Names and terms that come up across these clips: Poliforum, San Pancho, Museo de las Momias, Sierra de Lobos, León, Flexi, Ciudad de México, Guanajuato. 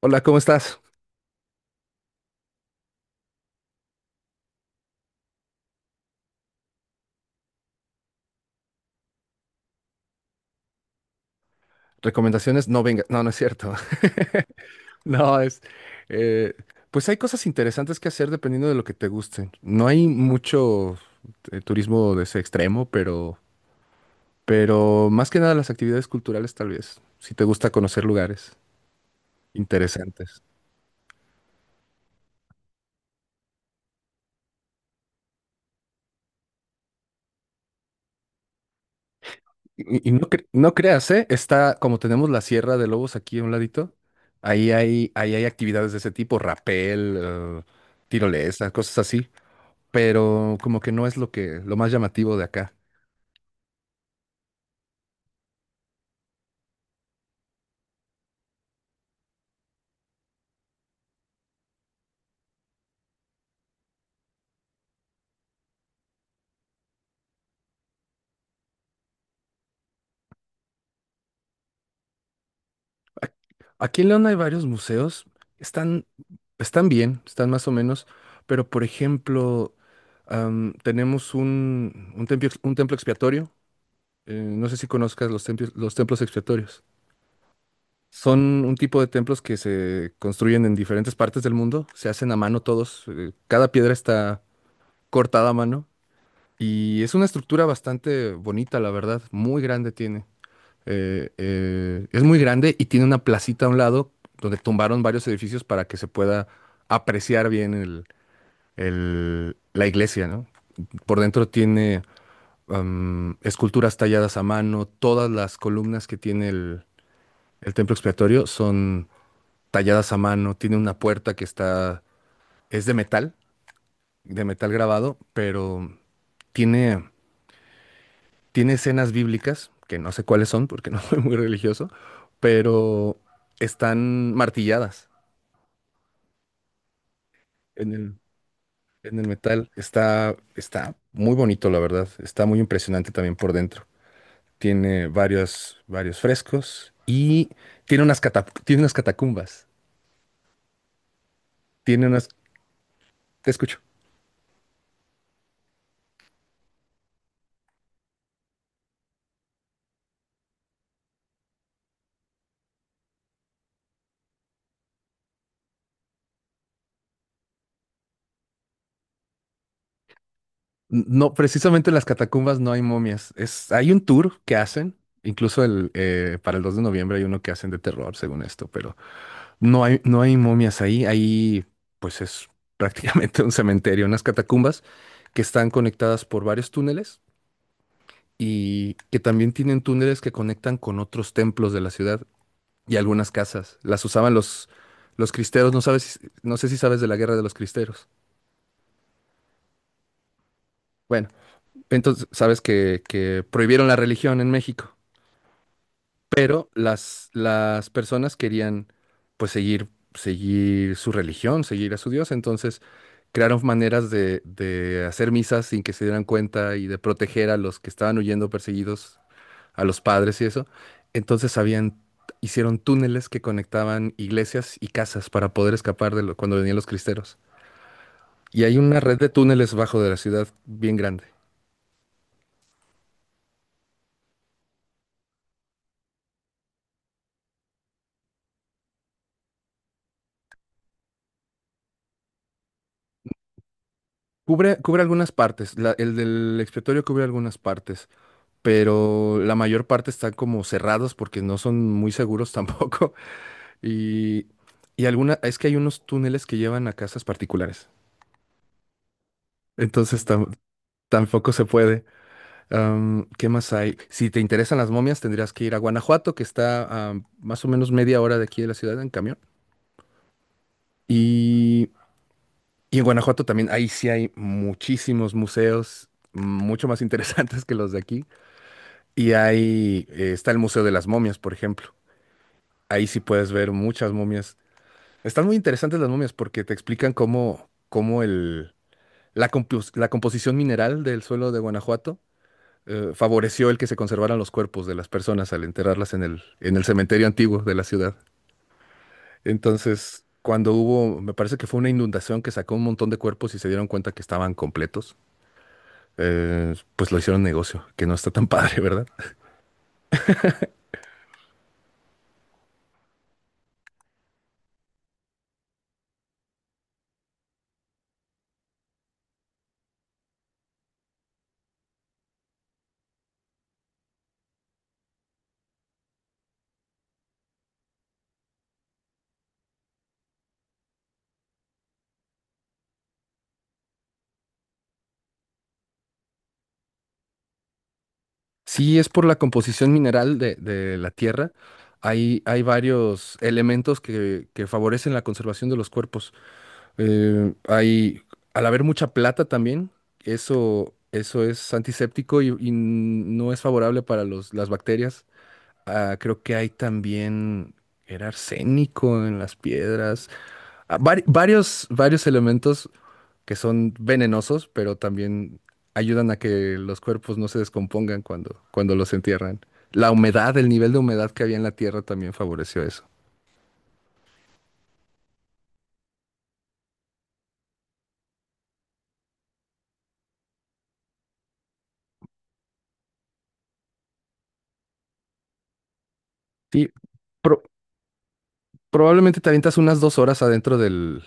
Hola, ¿cómo estás? Recomendaciones, no venga, no, no es cierto. No, es, eh, pues hay cosas interesantes que hacer dependiendo de lo que te guste. No hay mucho turismo de ese extremo, pero más que nada las actividades culturales tal vez, si te gusta conocer lugares interesantes. Y no, no creas, ¿eh? Está, como tenemos la Sierra de Lobos aquí a un ladito, ahí hay actividades de ese tipo, rapel, tirolesa, cosas así, pero como que no es lo más llamativo de acá. Ac- Aquí en León hay varios museos, están, están bien, están más o menos, pero por ejemplo, tenemos un templo, un templo expiatorio, no sé si conozcas los templos expiatorios. Son un tipo de templos que se construyen en diferentes partes del mundo, se hacen a mano todos, cada piedra está cortada a mano y es una estructura bastante bonita, la verdad, muy grande tiene. Es muy grande y tiene una placita a un lado donde tumbaron varios edificios para que se pueda apreciar bien la iglesia, ¿no? Por dentro tiene esculturas talladas a mano, todas las columnas que tiene el templo expiatorio son talladas a mano, tiene una puerta que está, es de metal grabado, pero tiene Tiene escenas bíblicas, que no sé cuáles son porque no soy muy religioso, pero están martilladas en el, en el metal. Está, está muy bonito, la verdad. Está muy impresionante también por dentro. Tiene varios frescos y tiene tiene unas catacumbas. Tiene unas... Te escucho. No, precisamente en las catacumbas no hay momias. Es, hay un tour que hacen, incluso para el 2 de noviembre hay uno que hacen de terror, según esto, pero no hay momias ahí, pues es prácticamente un cementerio, unas catacumbas que están conectadas por varios túneles y que también tienen túneles que conectan con otros templos de la ciudad y algunas casas. Los cristeros, no sabes, no sé si sabes de la guerra de los cristeros. Bueno, entonces sabes que prohibieron la religión en México. Pero las personas querían pues seguir su religión, seguir a su Dios, entonces crearon maneras de hacer misas sin que se dieran cuenta y de proteger a los que estaban huyendo perseguidos, a los padres y eso. Entonces habían, hicieron túneles que conectaban iglesias y casas para poder escapar de cuando venían los cristeros. Y hay una red de túneles bajo de la ciudad bien grande. Cubre algunas partes. El del expiatorio cubre algunas partes. Pero la mayor parte están como cerrados porque no son muy seguros tampoco. Y, es que hay unos túneles que llevan a casas particulares. Entonces tam- Tampoco se puede. ¿Qué más hay? Si te interesan las momias, tendrías que ir a Guanajuato, que está a más o menos media hora de aquí de la ciudad en camión. Y, y en Guanajuato también, ahí sí hay muchísimos museos, mucho más interesantes que los de aquí. Y ahí está el Museo de las Momias, por ejemplo. Ahí sí puedes ver muchas momias. Están muy interesantes las momias porque te explican cómo la composición mineral del suelo de Guanajuato favoreció el que se conservaran los cuerpos de las personas al enterrarlas en el cementerio antiguo de la ciudad. Entonces, cuando hubo, me parece que fue una inundación que sacó un montón de cuerpos y se dieron cuenta que estaban completos, pues lo hicieron negocio, que no está tan padre, ¿verdad? Sí, es por la composición mineral de la tierra. Hay varios elementos que favorecen la conservación de los cuerpos. Eh, hay, al haber mucha plata también, eso es antiséptico y no es favorable para las bacterias. Ah, creo que hay también, era arsénico en las piedras. Varios elementos que son venenosos, pero también ayudan a que los cuerpos no se descompongan cuando los entierran. La humedad, el nivel de humedad que había en la tierra también favoreció eso. Sí, pro- probablemente te avientas unas dos horas adentro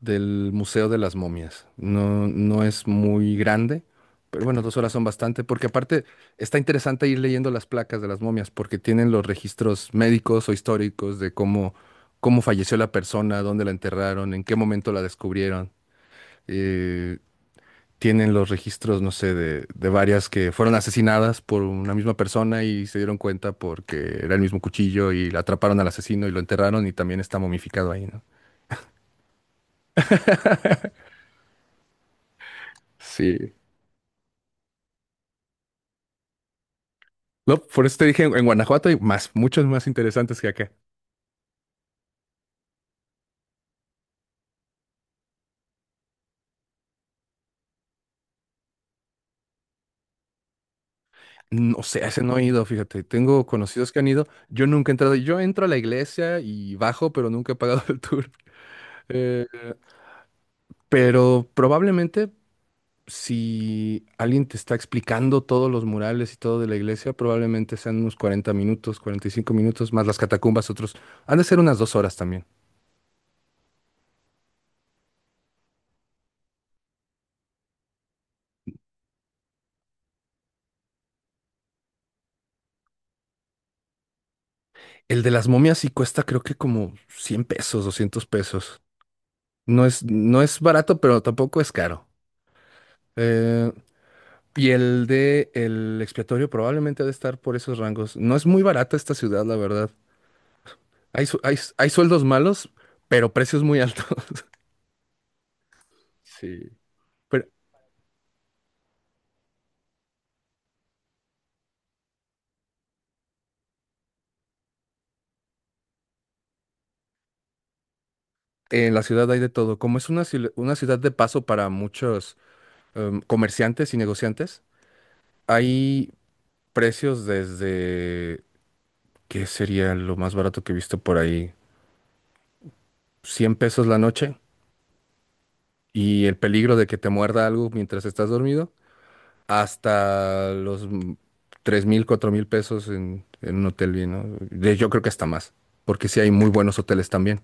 del Museo de las Momias. No, no es muy grande, pero bueno, dos horas son bastante, porque aparte está interesante ir leyendo las placas de las momias, porque tienen los registros médicos o históricos de cómo falleció la persona, dónde la enterraron, en qué momento la descubrieron. Eh, tienen los registros, no sé, de varias que fueron asesinadas por una misma persona y se dieron cuenta porque era el mismo cuchillo y la atraparon al asesino y lo enterraron y también está momificado ahí, ¿no? Sí. No, por eso te dije en Guanajuato hay más, muchos más interesantes que acá. No sé, a ese no he ido, fíjate. Tengo conocidos que han ido. Yo nunca he entrado. Yo entro a la iglesia y bajo, pero nunca he pagado el tour. Eh, pero probablemente si alguien te está explicando todos los murales y todo de la iglesia, probablemente sean unos 40 minutos, 45 minutos, más las catacumbas, otros. Han de ser unas dos horas también. El de las momias sí cuesta creo que como 100 pesos, 200 pesos. No es barato, pero tampoco es caro. Eh, Y el de el expiatorio probablemente ha de estar por esos rangos. No es muy barata esta ciudad, la verdad. Hay sueldos malos, pero precios muy altos. Sí. Pero en la ciudad hay de todo. Como es una ciudad de paso para muchos comerciantes y negociantes, hay precios desde, ¿qué sería lo más barato que he visto por ahí? 100 pesos la noche y el peligro de que te muerda algo mientras estás dormido, hasta los 3,000, 4,000 pesos en un hotel bien, ¿no? Yo creo que hasta más, porque sí hay muy buenos hoteles también.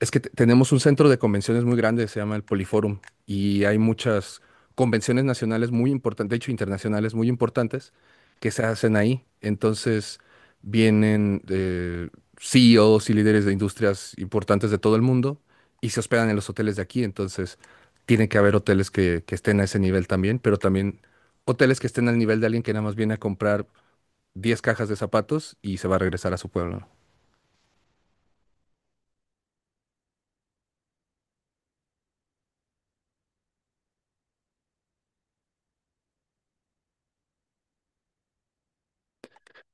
Es que tenemos un centro de convenciones muy grande, se llama el Poliforum, y hay muchas convenciones nacionales muy importantes, de hecho internacionales muy importantes, que se hacen ahí. Entonces vienen CEOs y líderes de industrias importantes de todo el mundo y se hospedan en los hoteles de aquí. Entonces tiene que haber hoteles que estén a ese nivel también, pero también hoteles que estén al nivel de alguien que nada más viene a comprar 10 cajas de zapatos y se va a regresar a su pueblo.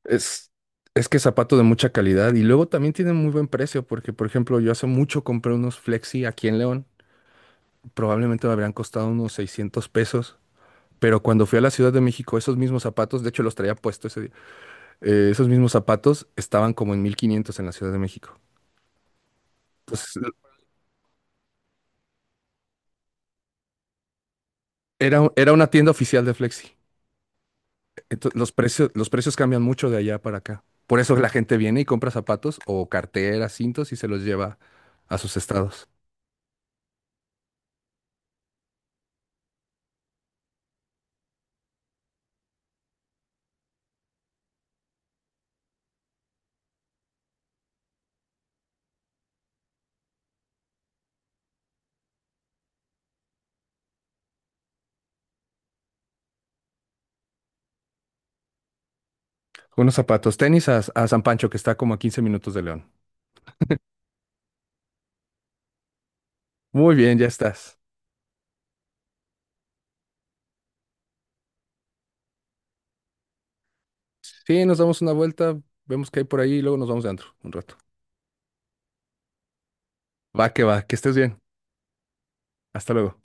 Es, es que es zapato de mucha calidad y luego también tiene muy buen precio porque, por ejemplo, yo hace mucho compré unos Flexi aquí en León. Probablemente me habrían costado unos 600 pesos, pero cuando fui a la Ciudad de México, esos mismos zapatos, de hecho los traía puesto ese día, esos mismos zapatos estaban como en 1,500 en la Ciudad de México. Entonces, era una tienda oficial de Flexi. Entonces, los precios cambian mucho de allá para acá. Por eso la gente viene y compra zapatos o carteras, cintos y se los lleva a sus estados. Unos zapatos, tenis a San Pancho, que está como a 15 minutos de León. Muy bien, ya estás. Sí, nos damos una vuelta, vemos qué hay por ahí y luego nos vamos de antro un rato. Va, que estés bien. Hasta luego.